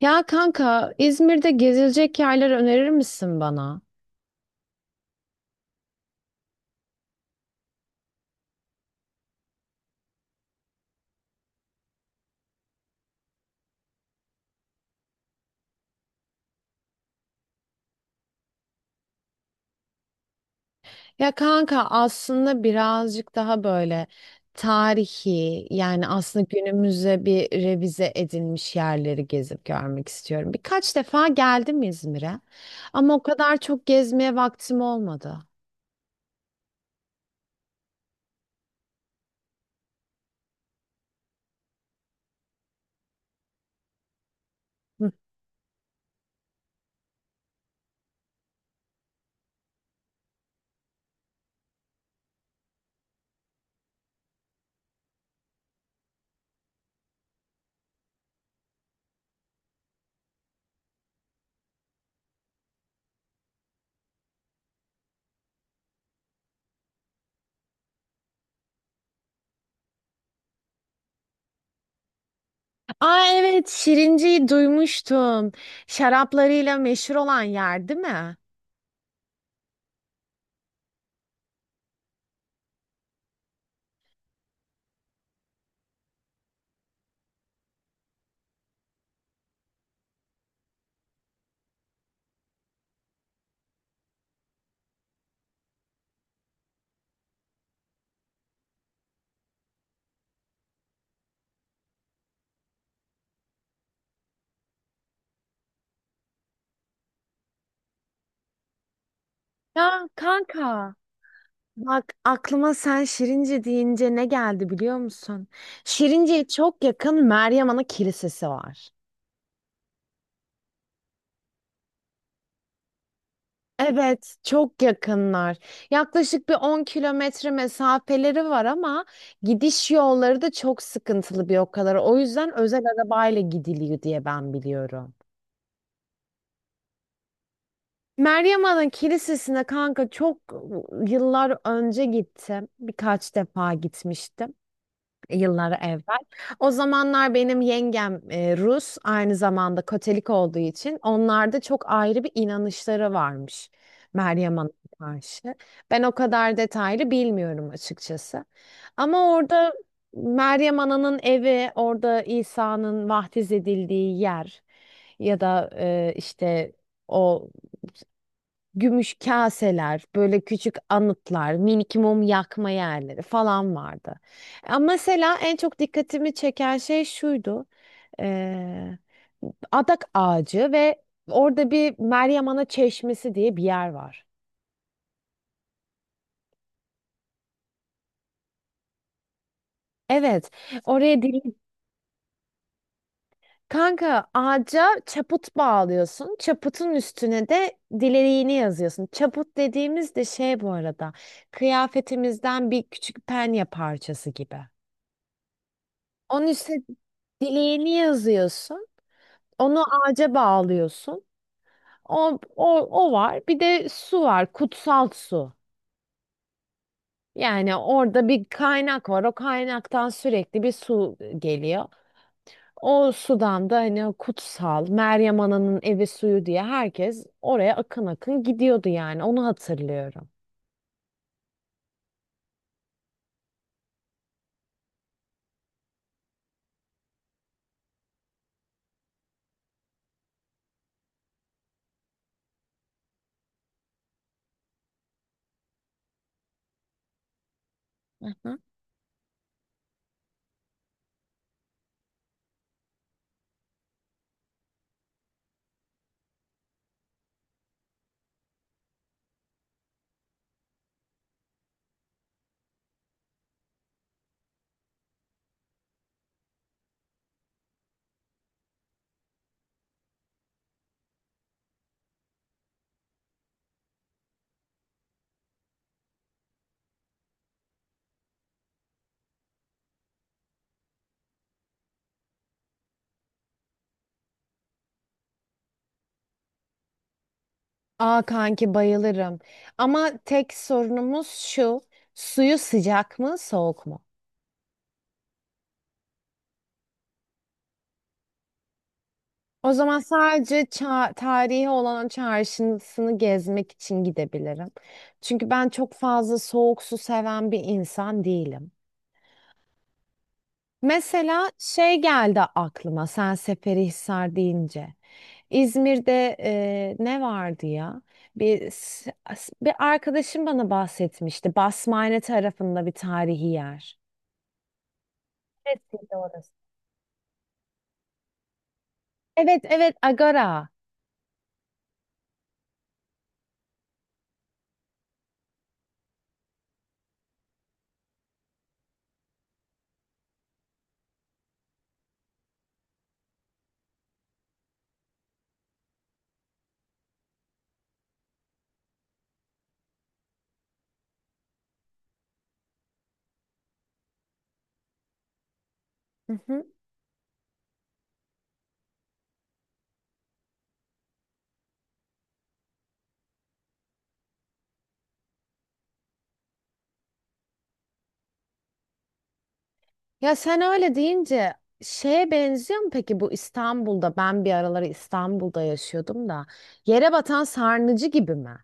Ya kanka İzmir'de gezilecek yerler önerir misin bana? Ya kanka aslında birazcık daha böyle tarihi, yani aslında günümüze bir revize edilmiş yerleri gezip görmek istiyorum. Birkaç defa geldim İzmir'e ama o kadar çok gezmeye vaktim olmadı. Hı. Aa evet, Şirinci'yi duymuştum. Şaraplarıyla meşhur olan yer değil mi? Ya kanka. Bak aklıma sen Şirince deyince ne geldi biliyor musun? Şirince'ye çok yakın Meryem Ana Kilisesi var. Evet, çok yakınlar. Yaklaşık bir 10 kilometre mesafeleri var ama gidiş yolları da çok sıkıntılı bir o kadar. O yüzden özel arabayla gidiliyor diye ben biliyorum. Meryem Ana Kilisesi'ne kanka çok yıllar önce gittim. Birkaç defa gitmiştim, yıllar evvel. O zamanlar benim yengem Rus, aynı zamanda Katolik olduğu için onlarda çok ayrı bir inanışları varmış Meryem Hanım'a karşı. Ben o kadar detaylı bilmiyorum açıkçası. Ama orada Meryem Ana'nın evi, orada İsa'nın vaftiz edildiği yer, ya da işte o gümüş kaseler, böyle küçük anıtlar, minik mum yakma yerleri falan vardı. Ama mesela en çok dikkatimi çeken şey şuydu. Eee adak ağacı ve orada bir Meryem Ana Çeşmesi diye bir yer var. Evet, oraya kanka ağaca çaput bağlıyorsun. Çaputun üstüne de dileğini yazıyorsun. Çaput dediğimiz de şey bu arada. Kıyafetimizden bir küçük penye parçası gibi. Onun üstüne dileğini yazıyorsun. Onu ağaca bağlıyorsun. O var. Bir de su var. Kutsal su. Yani orada bir kaynak var. O kaynaktan sürekli bir su geliyor. O sudan da hani o kutsal Meryem Ana'nın evi suyu diye herkes oraya akın akın gidiyordu, yani onu hatırlıyorum. Hı. Aa kanki bayılırım. Ama tek sorunumuz şu. Suyu sıcak mı soğuk mu? O zaman sadece tarihi olan o çarşısını gezmek için gidebilirim. Çünkü ben çok fazla soğuk su seven bir insan değilim. Mesela şey geldi aklıma sen Seferihisar deyince. İzmir'de ne vardı ya? Bir arkadaşım bana bahsetmişti. Basmane tarafında bir tarihi yer. Neresiydi orası? Evet evet, Agara. Hı hı. Ya sen öyle deyince şeye benziyor mu peki bu, İstanbul'da ben bir araları İstanbul'da yaşıyordum da, yere batan sarnıcı gibi mi?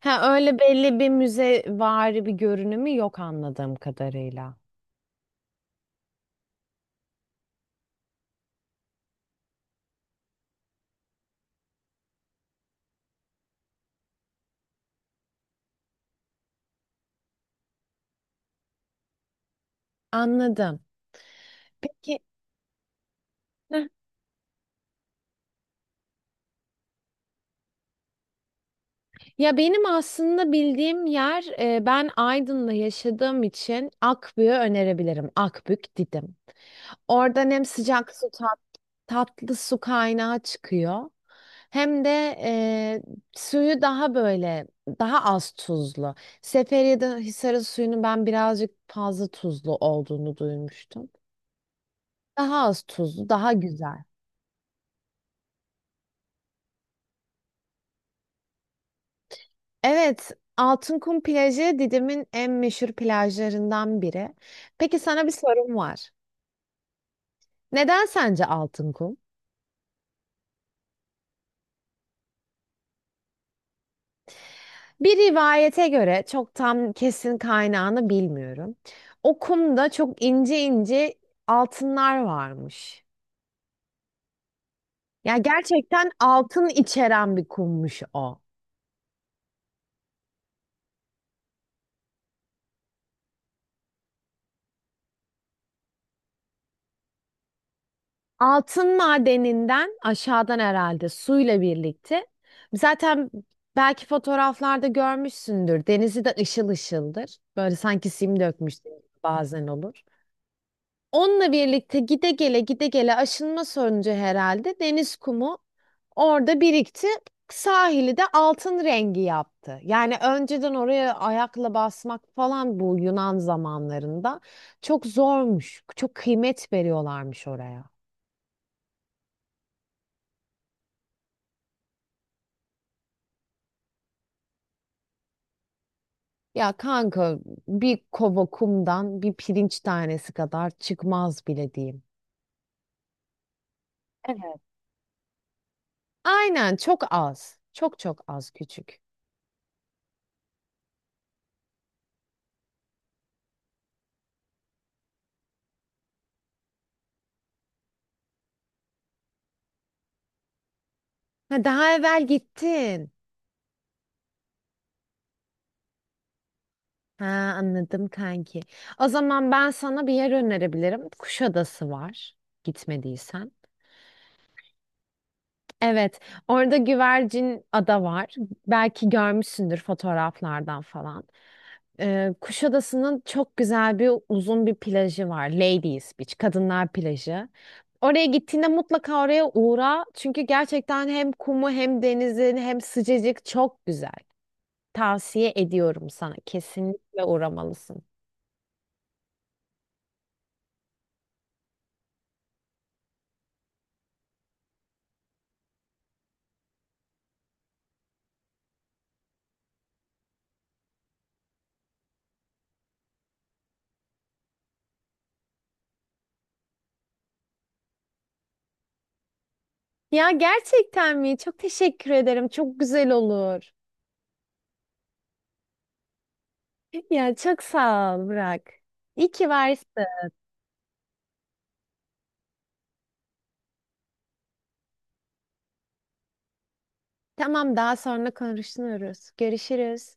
Ha, öyle belli bir müzevari bir görünümü yok anladığım kadarıyla. Anladım. Peki heh. Ya benim aslında bildiğim yer ben Aydın'da yaşadığım için Akbük'ü önerebilirim. Akbük Didim. Oradan hem sıcak tatlı su kaynağı çıkıyor. Hem de e, suyu daha böyle daha az tuzlu. Seferiye'de Hisar'ın suyunu ben birazcık fazla tuzlu olduğunu duymuştum. Daha az tuzlu, daha güzel. Evet, Altınkum plajı Didim'in en meşhur plajlarından biri. Peki sana bir sorum var. Neden sence Altınkum? Bir rivayete göre, çok tam kesin kaynağını bilmiyorum. O kumda çok ince ince altınlar varmış. Ya gerçekten altın içeren bir kummuş o. Altın madeninden aşağıdan herhalde suyla birlikte. Zaten belki fotoğraflarda görmüşsündür. Denizi de ışıl ışıldır. Böyle sanki sim dökmüş bazen olur. Onunla birlikte gide gele gide gele aşınma sonucu herhalde deniz kumu orada birikti. Sahili de altın rengi yaptı. Yani önceden oraya ayakla basmak falan bu Yunan zamanlarında çok zormuş. Çok kıymet veriyorlarmış oraya. Ya kanka, bir kova kumdan bir pirinç tanesi kadar çıkmaz bile diyeyim. Evet. Aynen, çok az. Çok çok az, küçük. Ha, daha evvel gittin. Ha, anladım kanki. O zaman ben sana bir yer önerebilirim. Kuşadası var. Gitmediysen. Evet, orada Güvercin Ada var. Belki görmüşsündür fotoğraflardan falan. Kuşadası'nın çok güzel bir uzun bir plajı var. Ladies Beach, Kadınlar Plajı. Oraya gittiğinde mutlaka oraya uğra. Çünkü gerçekten hem kumu hem denizin hem sıcacık çok güzel. Tavsiye ediyorum sana. Kesinlikle uğramalısın. Ya gerçekten mi? Çok teşekkür ederim. Çok güzel olur. Ya çok sağ ol Burak. İyi ki varsın. Tamam, daha sonra konuşuruz. Görüşürüz.